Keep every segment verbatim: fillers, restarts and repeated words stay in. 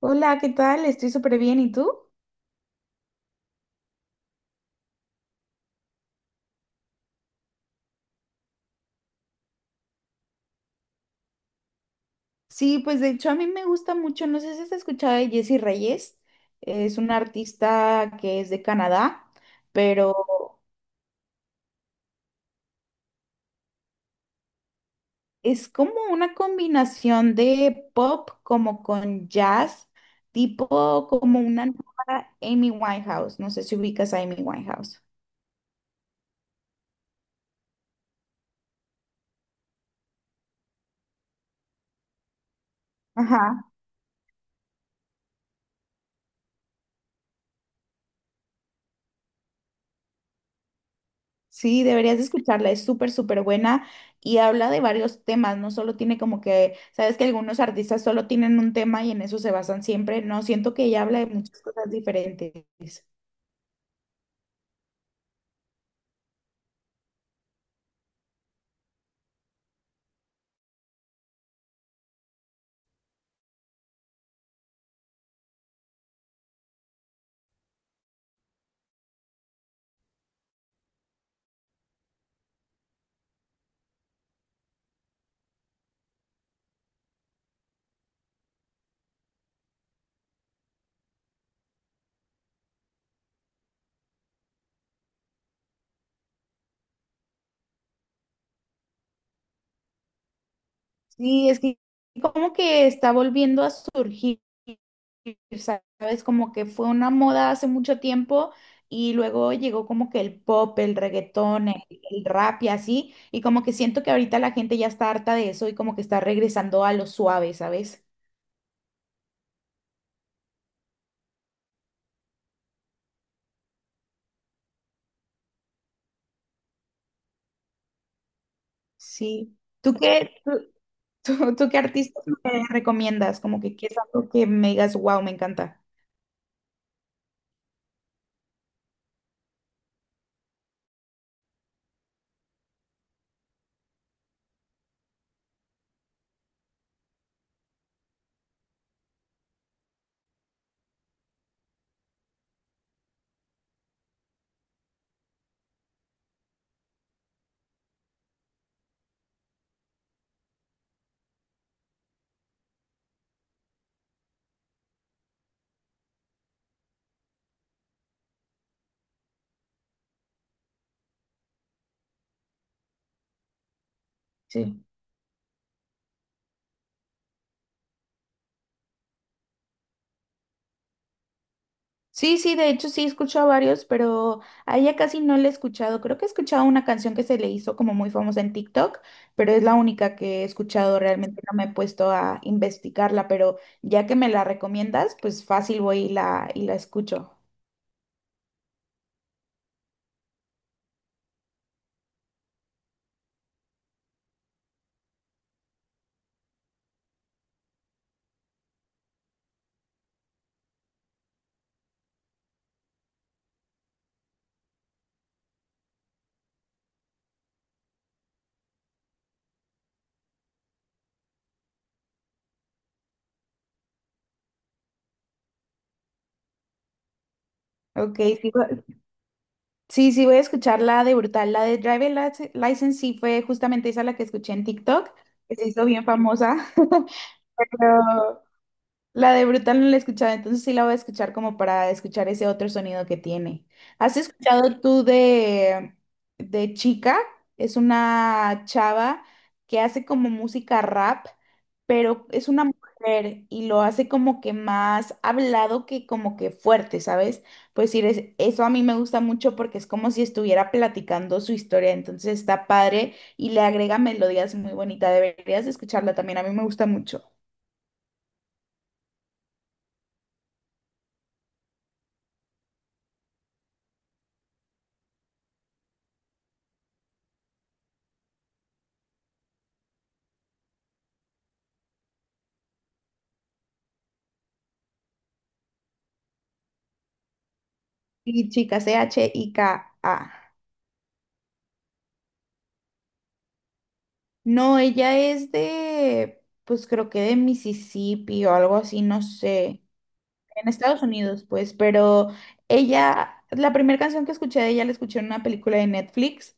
Hola, ¿qué tal? Estoy súper bien, ¿y tú? Sí, pues de hecho a mí me gusta mucho, no sé si has escuchado de Jessie Reyes, es una artista que es de Canadá, pero es como una combinación de pop como con jazz, tipo como una nueva Amy Winehouse, no sé si ubicas a Amy Winehouse. Ajá. Sí, deberías de escucharla, es súper, súper buena y habla de varios temas, no solo tiene como que, sabes que algunos artistas solo tienen un tema y en eso se basan siempre, no, siento que ella habla de muchas cosas diferentes. Sí, es que como que está volviendo a surgir, sabes, como que fue una moda hace mucho tiempo y luego llegó como que el pop, el reggaetón, el, el rap y así, y como que siento que ahorita la gente ya está harta de eso y como que está regresando a lo suave, ¿sabes? Sí. ¿Tú qué, tú, tú- tú qué artistas me recomiendas? Como que qué es algo que me digas, wow, me encanta. Sí. Sí, sí, de hecho sí he escuchado a varios, pero a ella casi no le he escuchado. Creo que he escuchado una canción que se le hizo como muy famosa en TikTok, pero es la única que he escuchado. Realmente no me he puesto a investigarla, pero ya que me la recomiendas, pues fácil voy y la, y la escucho. Ok, sí, sí, sí, voy a escuchar la de Brutal, la de Driver Lic- License, sí fue justamente esa la que escuché en TikTok, que se hizo bien famosa, pero la de Brutal no la he escuchado, entonces sí la voy a escuchar como para escuchar ese otro sonido que tiene. ¿Has escuchado tú de, de Chica? Es una chava que hace como música rap, pero es una mujer y lo hace como que más hablado que como que fuerte, ¿sabes? Pues sí, es- eso a mí me gusta mucho porque es como si estuviera platicando su historia, entonces está padre y le agrega melodías muy bonitas. Deberías de escucharla también, a mí me gusta mucho. Y Chica, C H I K A. No, ella es de, pues creo que de Mississippi o algo así, no sé. En Estados Unidos, pues, pero ella, la primera canción que escuché de ella la escuché en una película de Netflix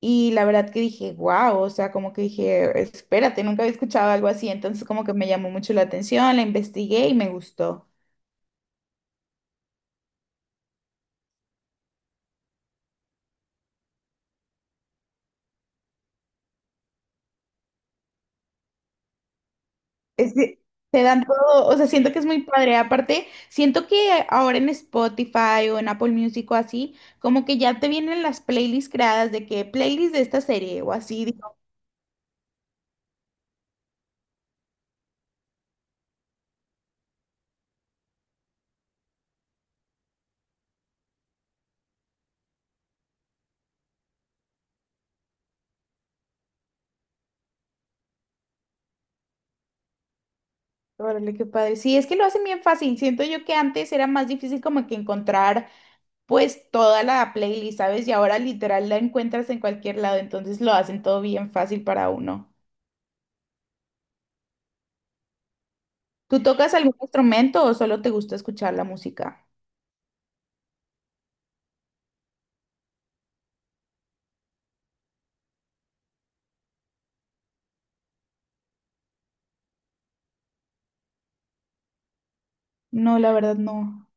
y la verdad que dije, wow, o sea, como que dije, espérate, nunca había escuchado algo así, entonces como que me llamó mucho la atención, la investigué y me gustó. Es que te dan todo, o sea, siento que es muy padre. Aparte, siento que ahora en Spotify o en Apple Music o así, como que ya te vienen las playlists creadas de que playlist de esta serie o así. Digo, órale, qué padre. Sí, es que lo hacen bien fácil. Siento yo que antes era más difícil como que encontrar pues toda la playlist, ¿sabes? Y ahora literal la encuentras en cualquier lado, entonces lo hacen todo bien fácil para uno. ¿Tú tocas algún instrumento o solo te gusta escuchar la música? No, la verdad no.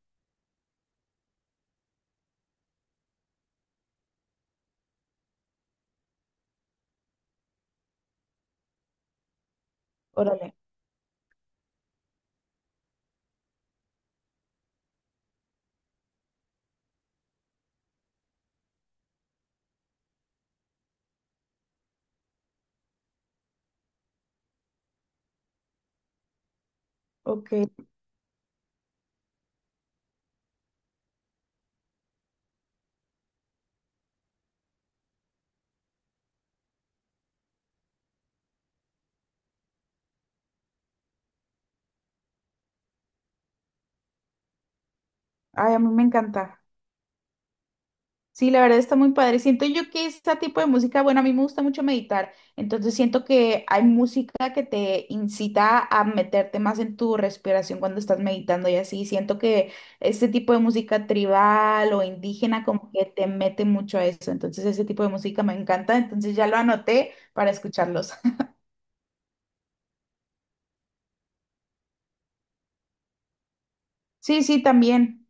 Órale, ok. Ay, a mí me encanta. Sí, la verdad está muy padre. Siento yo que este tipo de música, bueno, a mí me gusta mucho meditar, entonces siento que hay música que te incita a meterte más en tu respiración cuando estás meditando y así. Siento que este tipo de música tribal o indígena como que te mete mucho a eso, entonces ese tipo de música me encanta, entonces ya lo anoté para escucharlos. Sí, sí, también.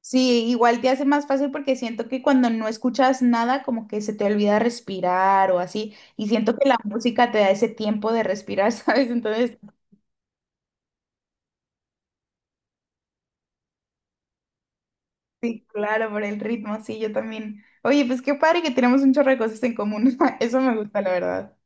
Sí, igual te hace más fácil porque siento que cuando no escuchas nada, como que se te olvida respirar o así, y siento que la música te da ese tiempo de respirar, ¿sabes? Entonces, sí, claro, por el ritmo, sí, yo también. Oye, pues qué padre que tenemos un chorro de cosas en común, eso me gusta, la verdad.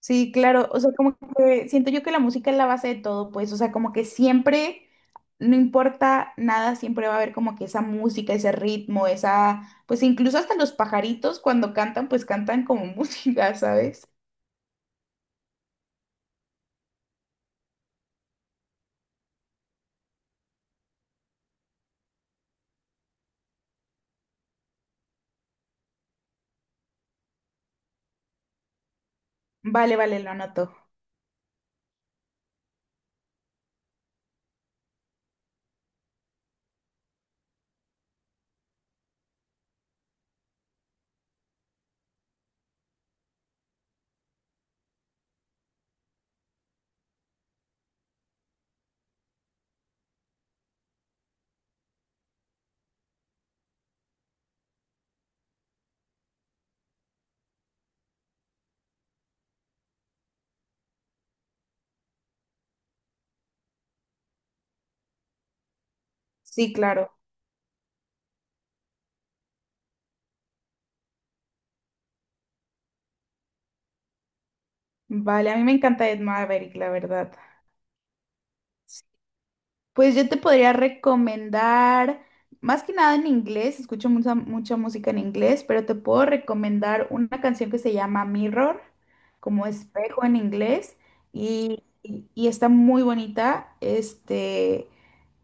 Sí, claro, o sea, como que siento yo que la música es la base de todo, pues, o sea, como que siempre, no importa nada, siempre va a haber como que esa música, ese ritmo, esa, pues incluso hasta los pajaritos cuando cantan, pues cantan como música, ¿sabes? Vale, vale, lo anoto. Sí, claro. Vale, a mí me encanta Ed Maverick, la verdad. Pues yo te podría recomendar, más que nada en inglés, escucho mucha, mucha música en inglés, pero te puedo recomendar una canción que se llama Mirror, como espejo en inglés, y, y- y está muy bonita. Este,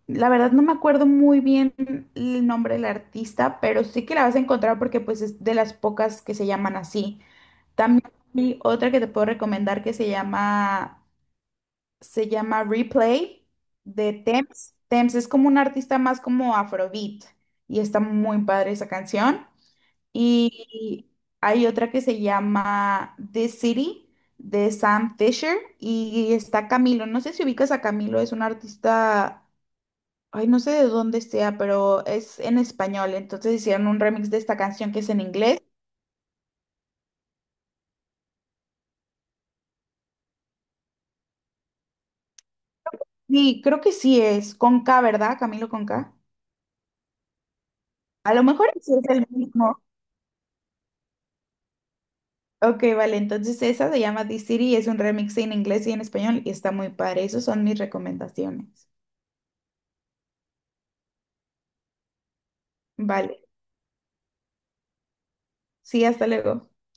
la verdad no me acuerdo muy bien el nombre del artista, pero sí que la vas a encontrar porque pues es de las pocas que se llaman así. También hay otra que te puedo recomendar que se llama se llama Replay de Tems. Tems es como un artista más como afrobeat y está muy padre esa canción. Y hay otra que se llama This City de Sam Fisher y está Camilo. No sé si ubicas a Camilo, es un artista, ay, no sé de dónde sea, pero es en español. Entonces hicieron un remix de esta canción que es en inglés. Sí, creo que sí es con K, ¿verdad? Camilo con K. A lo mejor sí es el mismo. Ok, vale, entonces esa se llama The City y es un remix en inglés y en español y está muy padre. Esas son mis recomendaciones. Vale, sí, hasta luego.